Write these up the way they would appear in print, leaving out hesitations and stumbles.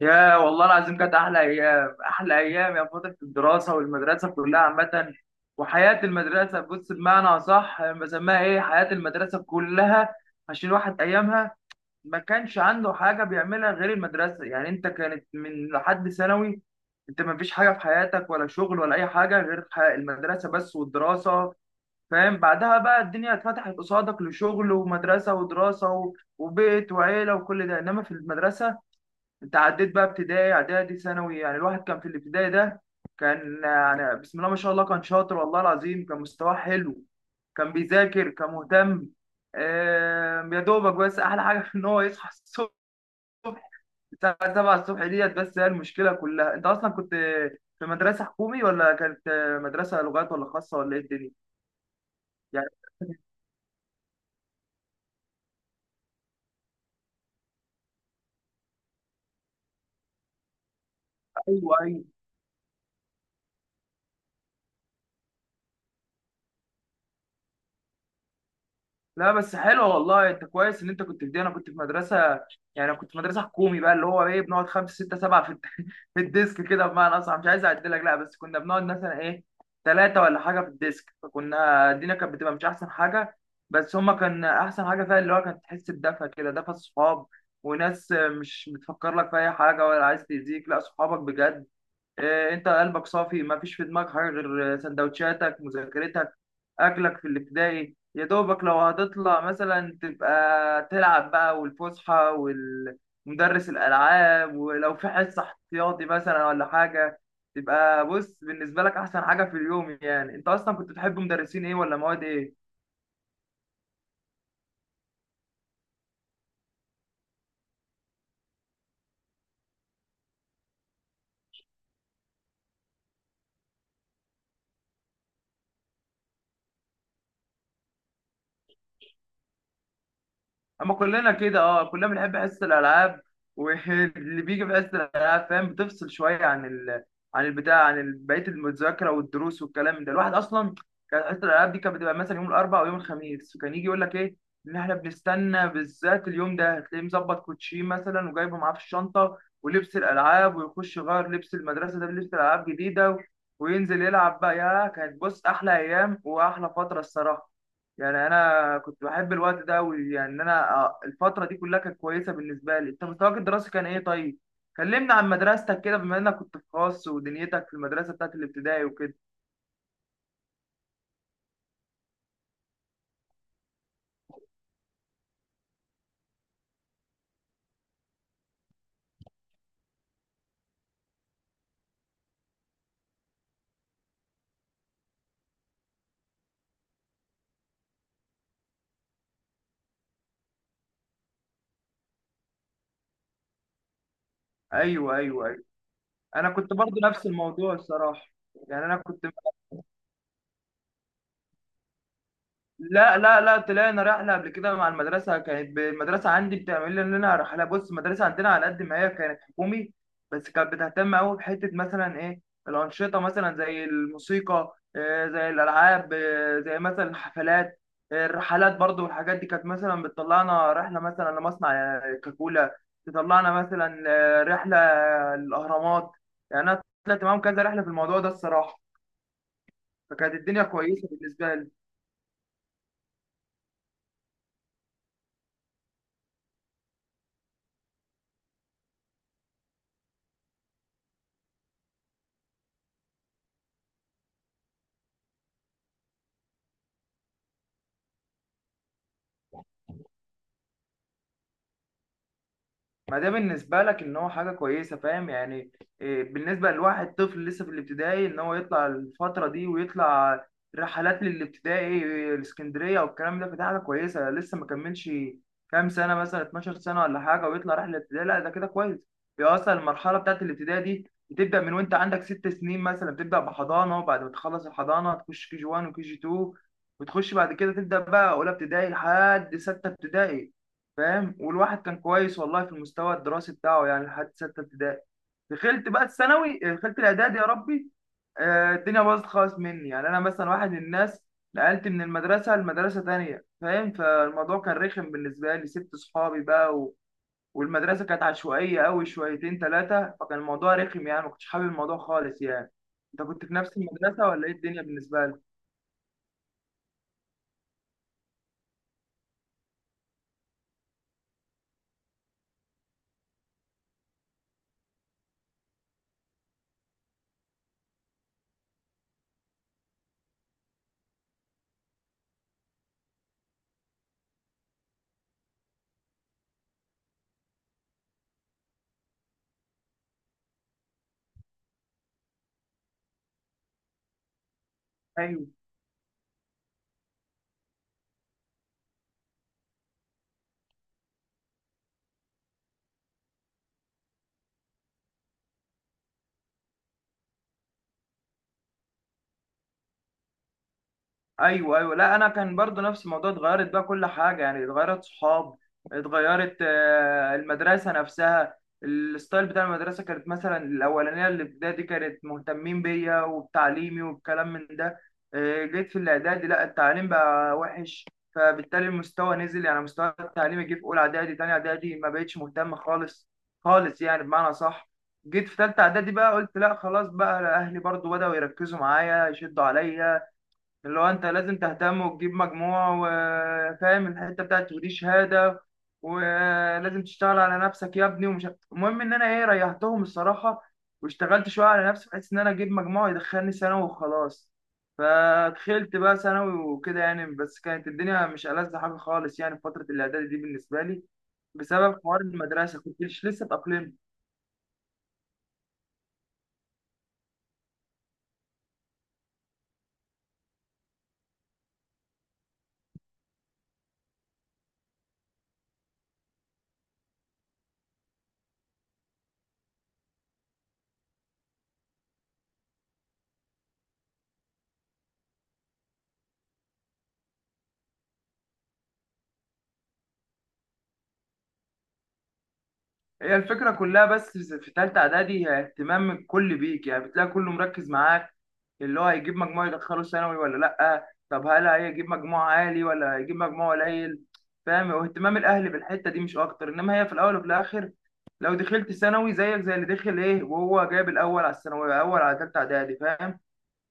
يا والله العظيم كانت احلى ايام احلى ايام، يا فتره الدراسه والمدرسه كلها عامه. وحياه المدرسه، بص، بمعنى اصح بسميها ايه، حياه المدرسه كلها. عشان الواحد ايامها ما كانش عنده حاجه بيعملها غير المدرسه. يعني انت كانت من لحد ثانوي، انت ما فيش حاجه في حياتك، ولا شغل ولا اي حاجه غير المدرسه بس والدراسه، فاهم؟ بعدها بقى الدنيا اتفتحت قصادك لشغل ومدرسه ودراسه و- وبيت وعيله وكل ده، انما في المدرسه انت عديت بقى ابتدائي اعدادي ثانوي. يعني الواحد كان في الابتدائي ده كان يعني بسم الله ما شاء الله كان شاطر، والله العظيم كان مستواه حلو، كان بيذاكر، كان مهتم. آه، يا دوبك بس احلى حاجه في ان هو يصحى الصبح الساعه 7 الصبح ديت، بس هي المشكله كلها. انت اصلا كنت في مدرسه حكومي، ولا كانت مدرسه لغات، ولا خاصه، ولا ايه الدنيا؟ يعني. ايوه، ايوه. لا بس حلو والله، انت كويس ان انت كنت في دي. انا كنت في مدرسه، يعني انا كنت في مدرسه حكومي بقى، اللي هو ايه، بنقعد خمسه سته سبعه في في الديسك كده، بمعنى اصح مش عايز اعدلك، لا بس كنا بنقعد مثلا ايه، ثلاثه ولا حاجه في الديسك. فكنا الدنيا كانت بتبقى مش احسن حاجه، بس هما كان احسن حاجه فيها اللي هو كانت تحس بدفى كده، دفى الصحاب وناس مش بتفكر لك في اي حاجه ولا عايز تاذيك، لا، صحابك بجد. آه، انت قلبك صافي، ما فيش في دماغك حاجه غير، آه، سندوتشاتك، مذاكرتك، اكلك في الابتدائي. يا دوبك لو هتطلع مثلا تبقى تلعب بقى، والفسحه والمدرس الالعاب، ولو في حصه احتياطي مثلا ولا حاجه تبقى بص بالنسبه لك احسن حاجه في اليوم. يعني انت اصلا كنت بتحب مدرسين ايه ولا مواد ايه؟ اما كلنا كده، اه كلنا بنحب حصة الالعاب، واللي بيجي في حصة الالعاب، فاهم، بتفصل شوية عن عن البتاع، عن بقية المذاكرة والدروس والكلام ده. الواحد اصلا كان حصة الالعاب دي كانت بتبقى مثلا يوم الاربعاء ويوم الخميس، فكان يجي يقول لك ايه، ان احنا بنستنى بالذات اليوم ده. هتلاقيه مظبط كوتشي مثلا وجايبه معاه في الشنطة ولبس الالعاب، ويخش يغير لبس المدرسة ده بلبس الالعاب جديدة وينزل يلعب بقى. يا كانت، بص، احلى ايام واحلى فترة الصراحة، يعني انا كنت بحب الوقت ده قوي. يعني انا، آه، الفتره دي كلها كانت كويسه بالنسبه لي. انت مستواك الدراسي كان ايه طيب؟ كلمنا عن مدرستك كده، بما انك كنت في خاص ودنيتك في المدرسه بتاعت الابتدائي وكده. ايوه، ايوه، ايوه. انا كنت برضو نفس الموضوع الصراحه. يعني انا كنت، لا لا لا، طلعنا رحلة قبل كده مع المدرسة، كانت المدرسة عندي بتعمل لنا رحلة. بص، المدرسة عندنا على قد ما هي كانت حكومي، بس كانت بتهتم أوي بحتة مثلا إيه، الأنشطة، مثلا زي الموسيقى، آه، زي الألعاب، آه، زي مثلا الحفلات، آه، الرحلات برضو، والحاجات دي. كانت مثلا بتطلعنا رحلة مثلا لمصنع، آه، كاكولا، تطلعنا مثلا، آه، رحلة الأهرامات. يعني أنا طلعت معاهم كذا رحلة في الموضوع ده الصراحة، فكانت الدنيا كويسة بالنسبة لي. ما ده بالنسبة لك إن هو حاجة كويسة، فاهم؟ يعني إيه، بالنسبة لواحد طفل لسه في الابتدائي، إن هو يطلع الفترة دي ويطلع رحلات للابتدائي الإسكندرية والكلام ده، فده حاجة كويسة. لسه ما كملش كام سنة، مثلا 12 سنة ولا حاجة، ويطلع رحلة ابتدائي، لا ده كده كويس. هي أصلا المرحلة بتاعت الابتدائي دي بتبدأ من وأنت عندك ست سنين، مثلا بتبدأ بحضانة، وبعد ما تخلص الحضانة تخش كي جي 1 وكي جي 2، وتخش بعد كده تبدأ بقى أولى ابتدائي لحد ستة ابتدائي، فاهم؟ والواحد كان كويس والله في المستوى الدراسي بتاعه، يعني لحد ستة ابتدائي. دخلت بقى الثانوي، دخلت الاعدادي، يا ربي، آه، الدنيا باظت خالص مني. يعني انا مثلا واحد من الناس نقلت من المدرسه لمدرسه تانية، فاهم؟ فالموضوع كان رخم بالنسبه لي، سبت صحابي بقى و... والمدرسه كانت عشوائيه قوي شويتين ثلاثه، فكان الموضوع رخم، يعني ما كنتش حابب الموضوع خالص يعني. انت كنت في نفس المدرسه ولا ايه الدنيا بالنسبه لك؟ ايوه، ايوه، ايوه. لا انا كان برضو نفس الموضوع، اتغيرت بقى كل حاجه، يعني اتغيرت صحاب، اتغيرت، آه، المدرسه نفسها، الستايل بتاع المدرسه. كانت مثلا الاولانيه اللي في ابتدائي دي كانت مهتمين بيا وبتعليمي والكلام من ده، آه، جيت في الاعدادي لا التعليم بقى وحش. فبالتالي المستوى نزل، يعني مستوى التعليم. جه في اولى اعدادي تانية اعدادي ما بقتش مهتم خالص خالص، يعني بمعنى صح. جيت في تالتة اعدادي بقى قلت لا خلاص بقى، اهلي برضو بدأوا يركزوا معايا يشدوا عليا، اللي هو انت لازم تهتم وتجيب مجموع وفاهم الحته بتاعت، ودي شهاده ولازم تشتغل على نفسك يا ابني، ومش المهم ان انا ايه، ريحتهم الصراحه، واشتغلت شويه على نفسي بحيث ان انا اجيب مجموع يدخلني ثانوي وخلاص. فدخلت بقى ثانوي وكده يعني، بس كانت الدنيا مش ألذ حاجه خالص، يعني في فتره الاعدادي دي بالنسبه لي بسبب حوار المدرسه، كنتش لسه اتأقلمت. هي الفكرة كلها بس في تالتة إعدادي، هي اهتمام الكل بيك. يعني بتلاقي كله مركز معاك، اللي هو هيجيب مجموع يدخله ثانوي ولا لأ، طب هل هيجيب مجموع عالي ولا هيجيب مجموع قليل، فاهم؟ واهتمام الأهل بالحتة دي مش أكتر، إنما هي في الأول وفي الآخر لو دخلت ثانوي زيك زي اللي دخل، إيه، وهو جايب الأول على الثانوي، أول على تالتة إعدادي، فاهم؟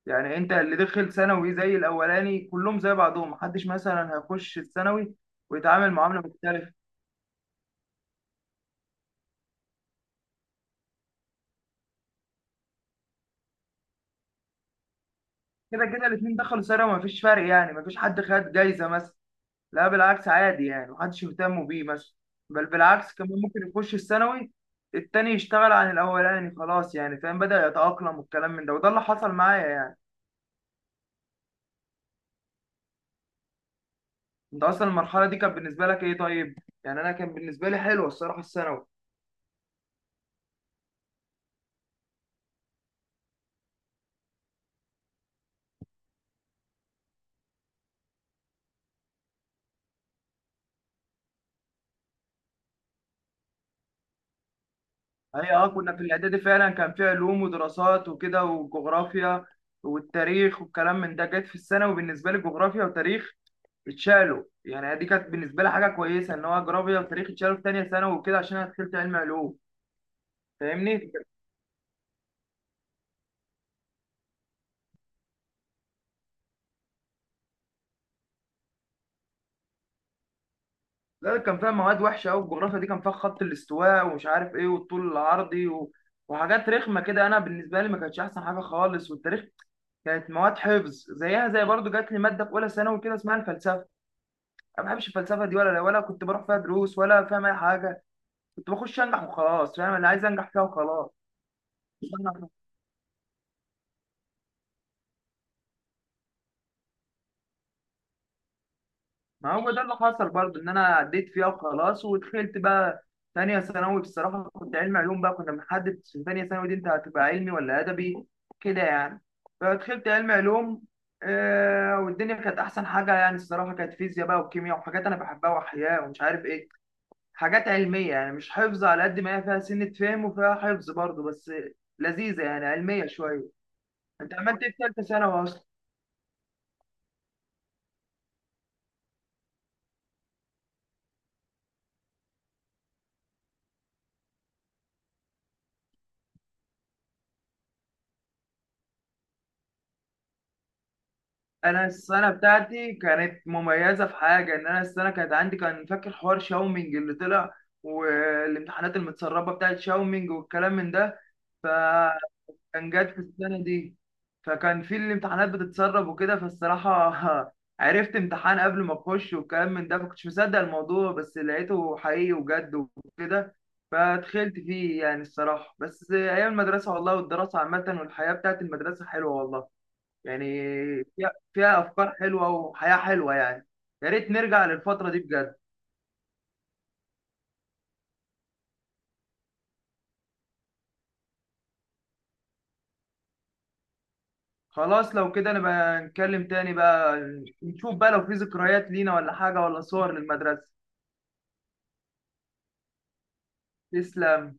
يعني أنت اللي دخل ثانوي زي الأولاني، كلهم زي بعضهم. محدش مثلا هيخش الثانوي ويتعامل معاملة مختلفة. كده كده الاثنين دخلوا سنه وما فيش فرق، يعني ما فيش حد خد جايزه مثلا، لا بالعكس عادي، يعني محدش يهتم بيه مثلا. بل بالعكس كمان ممكن يخش الثانوي التاني يشتغل عن الاولاني، خلاص يعني، فاهم؟ بدأ يتأقلم والكلام من ده، وده اللي حصل معايا يعني. انت اصلا المرحله دي كانت بالنسبه لك ايه طيب؟ يعني انا كان بالنسبه لي حلوه الصراحه الثانوي. هي اه كنا في الاعدادي فعلا كان في علوم ودراسات وكده، وجغرافيا والتاريخ والكلام من ده. جت في الثانوي بالنسبه لي جغرافيا وتاريخ اتشالوا، يعني دي كانت بالنسبه لي حاجه كويسه ان هو جغرافيا وتاريخ اتشالوا في ثانيه ثانوي وكده، عشان انا دخلت علم علوم، فاهمني؟ لا كان فيها مواد وحشه قوي، الجغرافيا دي كان فيها خط الاستواء ومش عارف ايه، والطول العرضي و... وحاجات رخمه كده، انا بالنسبه لي ما كانتش احسن حاجه خالص. والتاريخ كانت مواد حفظ زيها زي، برضو جات لي ماده في اولى ثانوي كده اسمها الفلسفه، انا ما بحبش الفلسفه دي، ولا كنت بروح فيها دروس ولا فاهم اي حاجه، كنت بخش انجح وخلاص، فاهم؟ اللي عايز انجح فيها وخلاص. ما هو ده اللي حصل، برضو ان انا عديت فيها وخلاص، ودخلت بقى ثانيه ثانوي. بصراحه كنت علم علوم بقى، كنا بنحدد في ثانيه ثانوي دي انت هتبقى علمي ولا ادبي كده، يعني فدخلت علم علوم. آه، والدنيا كانت احسن حاجه، يعني الصراحه كانت فيزياء بقى وكيمياء وحاجات انا بحبها، واحياء ومش عارف ايه، حاجات علميه، يعني مش حفظ على قد ما هي فيها سنه، فهم وفيها حفظ برضو، بس لذيذه، يعني علميه شويه. انت عملت ايه في ثالثه ثانوي اصلا؟ انا السنه بتاعتي كانت مميزه في حاجه، ان انا السنه كانت عندي، كان فاكر حوار شاومينج اللي طلع والامتحانات المتسربه بتاعت شاومينج والكلام من ده، فكان جات في السنه دي. فكان في الامتحانات بتتسرب وكده، فالصراحه، عرفت امتحان قبل ما اخش والكلام من ده، فكنتش مصدق الموضوع، بس لقيته حقيقي وجد وكده، فدخلت فيه يعني الصراحه. بس ايام المدرسه والله والدراسه عامه والحياه بتاعت المدرسه حلوه والله، يعني فيها، فيها افكار حلوه وحياه حلوه، يعني يا ريت نرجع للفتره دي بجد. خلاص لو كده نبقى نتكلم تاني بقى، نشوف بقى لو في ذكريات لينا ولا حاجه ولا صور للمدرسه. تسلم.